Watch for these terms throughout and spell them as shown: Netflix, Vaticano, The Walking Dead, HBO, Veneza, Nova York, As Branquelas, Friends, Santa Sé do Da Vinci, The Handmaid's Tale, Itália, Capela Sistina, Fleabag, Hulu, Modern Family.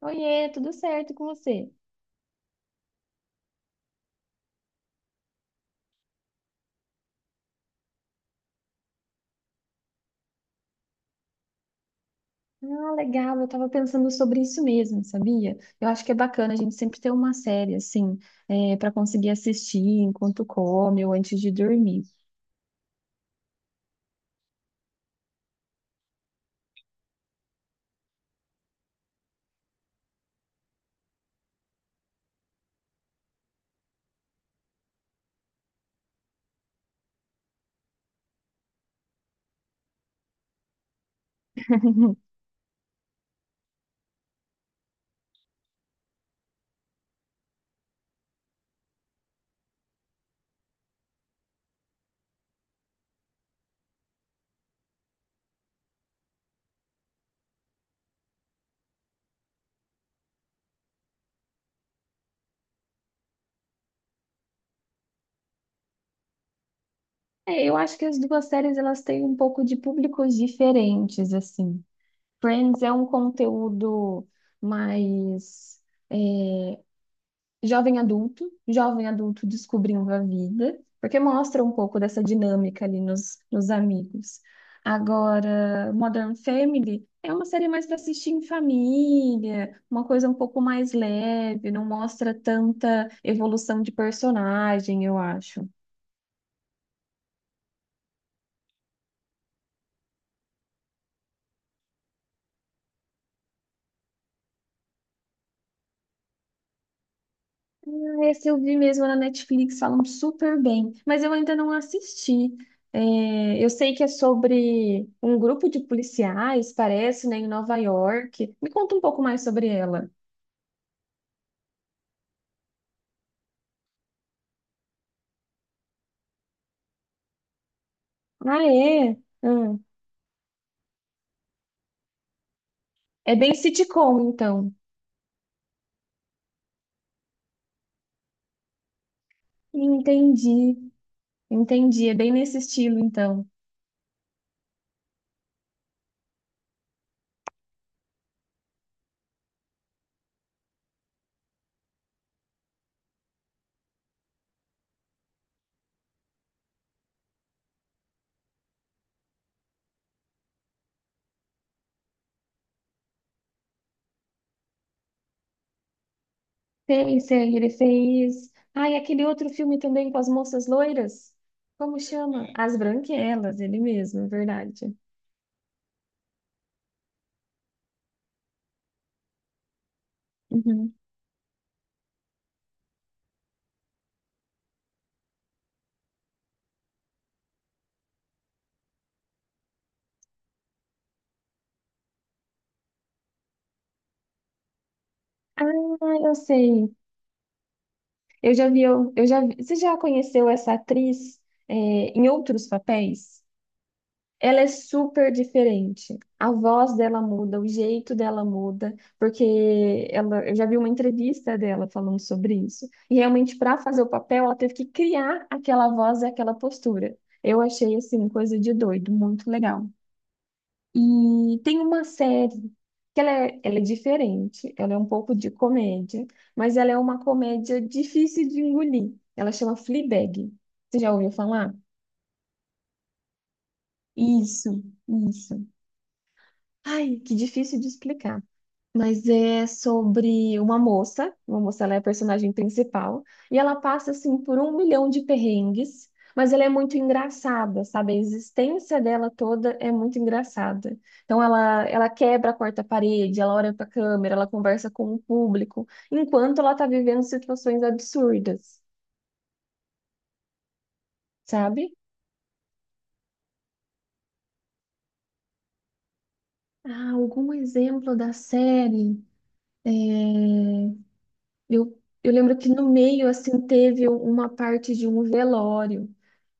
Oiê, tudo certo com você? Ah, legal, eu tava pensando sobre isso mesmo, sabia? Eu acho que é bacana a gente sempre ter uma série, assim, para conseguir assistir enquanto come ou antes de dormir. É, eu acho que as duas séries, elas têm um pouco de públicos diferentes, assim. Friends é um conteúdo mais... é, jovem adulto descobrindo a vida, porque mostra um pouco dessa dinâmica ali nos amigos. Agora, Modern Family é uma série mais para assistir em família, uma coisa um pouco mais leve, não mostra tanta evolução de personagem, eu acho. Esse eu vi mesmo na Netflix, falam super bem, mas eu ainda não assisti. É, eu sei que é sobre um grupo de policiais, parece, né, em Nova York. Me conta um pouco mais sobre ela. Ah, é? Hum. É bem sitcom, então. Entendi, entendi. É bem nesse estilo, então. Sei, sei, ele fez. Ah, e aquele outro filme também com as moças loiras? Como chama? As Branquelas, ele mesmo, é verdade. Uhum. Ah, eu sei. Eu já vi, eu já vi. Você já conheceu essa atriz, em outros papéis? Ela é super diferente. A voz dela muda, o jeito dela muda, porque ela, eu já vi uma entrevista dela falando sobre isso. E realmente, para fazer o papel, ela teve que criar aquela voz e aquela postura. Eu achei, assim, coisa de doido, muito legal. E tem uma série que ela é diferente, ela é um pouco de comédia, mas ela é uma comédia difícil de engolir. Ela chama Fleabag. Você já ouviu falar? Isso, isso. Ai, que difícil de explicar. Mas é sobre uma moça, ela é a personagem principal, e ela passa, assim, por um milhão de perrengues, mas ela é muito engraçada, sabe? A existência dela toda é muito engraçada. Então, ela quebra a quarta parede, ela olha para a câmera, ela conversa com o público, enquanto ela está vivendo situações absurdas, sabe? Ah, algum exemplo da série? É, eu lembro que no meio, assim, teve uma parte de um velório.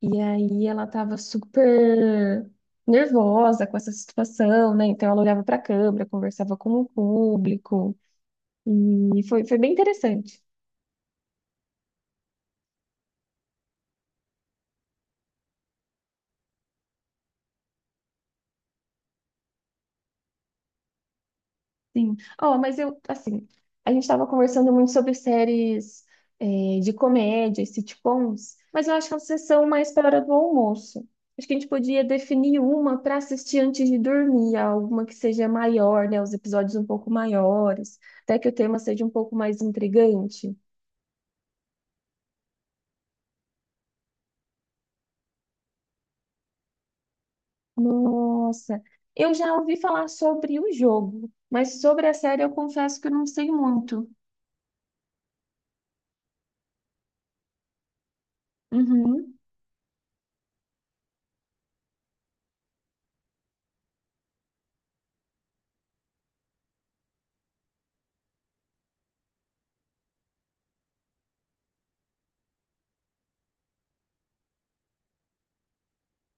E aí ela tava super nervosa com essa situação, né? Então ela olhava para a câmera, conversava com o público. E foi bem interessante. Sim. Ó, mas eu, assim, a gente estava conversando muito sobre séries, de comédia, e sitcoms, mas eu acho que elas são mais para a hora do almoço. Acho que a gente podia definir uma para assistir antes de dormir, alguma que seja maior, né? Os episódios um pouco maiores, até que o tema seja um pouco mais intrigante. Nossa, eu já ouvi falar sobre o jogo, mas sobre a série eu confesso que eu não sei muito. Uhum.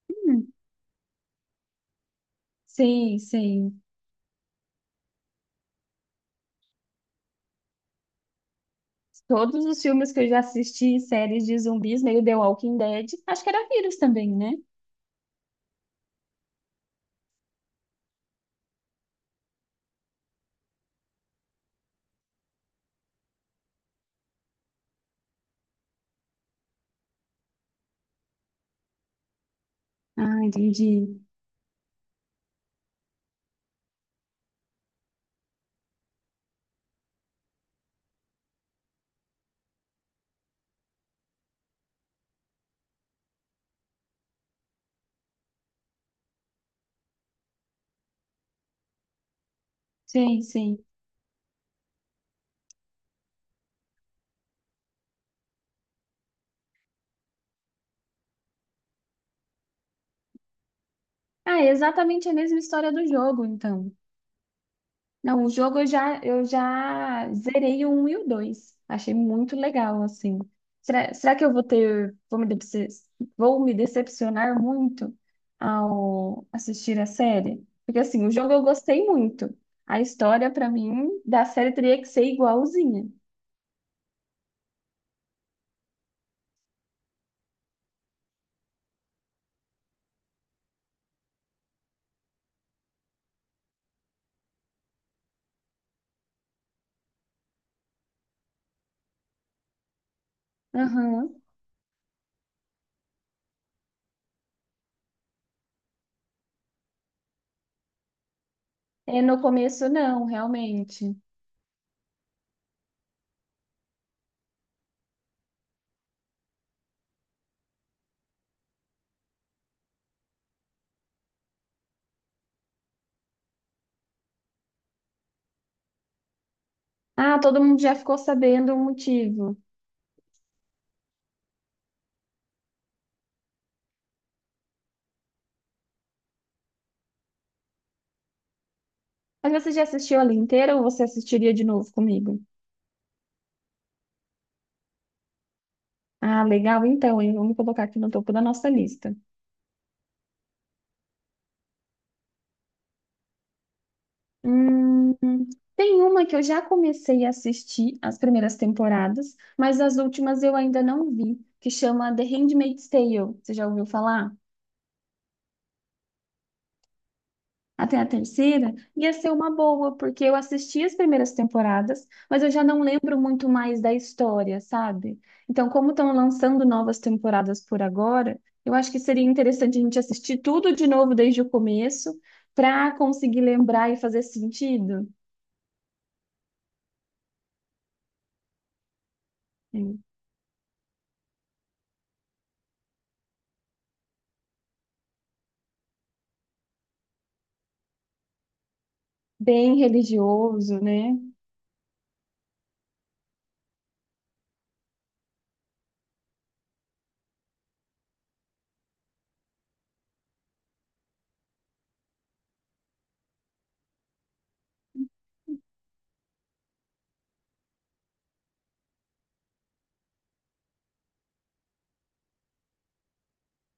Hum, sei, sei. Todos os filmes que eu já assisti, séries de zumbis, meio The Walking Dead, acho que era vírus também, né? Ah, entendi. Sim, sim. Ah, é exatamente a mesma história do jogo, então. Não, o jogo eu já zerei o 1 e o 2. Achei muito legal, assim. Será, será que eu vou ter, vou me decepcionar muito ao assistir a série? Porque assim, o jogo eu gostei muito. A história, pra mim, da série teria que ser igualzinha. Aham. É, no começo não, realmente. Ah, todo mundo já ficou sabendo o motivo. Mas você já assistiu ela inteira ou você assistiria de novo comigo? Ah, legal, então, hein? Vamos colocar aqui no topo da nossa lista. Hum, tem uma que eu já comecei a assistir as primeiras temporadas, mas as últimas eu ainda não vi, que chama The Handmaid's Tale. Você já ouviu falar? Até a terceira, ia ser uma boa, porque eu assisti as primeiras temporadas, mas eu já não lembro muito mais da história, sabe? Então, como estão lançando novas temporadas por agora, eu acho que seria interessante a gente assistir tudo de novo desde o começo, para conseguir lembrar e fazer sentido. É. Bem religioso, né?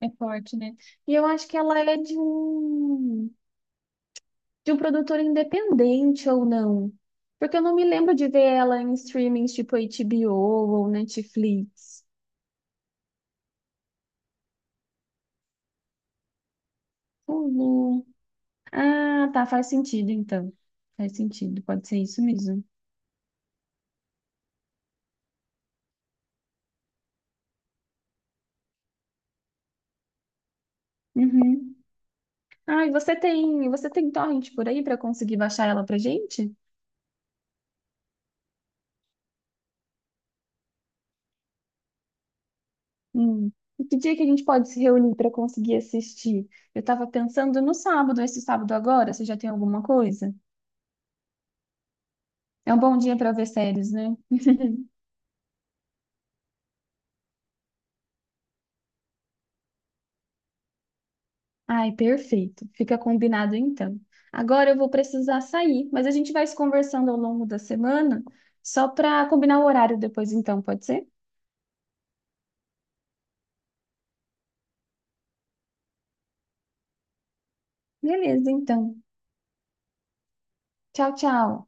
É forte, né? E eu acho que ela é de um. De um produtor independente ou não. Porque eu não me lembro de ver ela em streamings tipo HBO ou Netflix. Hulu. Ah, tá, faz sentido então. Faz sentido, pode ser isso mesmo. Uhum. Ah, e você tem torrent por aí pra conseguir baixar ela pra gente? Hum. E que dia que a gente pode se reunir pra conseguir assistir? Eu tava pensando no sábado, esse sábado agora, você já tem alguma coisa? É um bom dia pra ver séries, né? Ai, perfeito. Fica combinado então. Agora eu vou precisar sair, mas a gente vai se conversando ao longo da semana, só para combinar o horário depois, então, pode ser? Beleza, então. Tchau, tchau.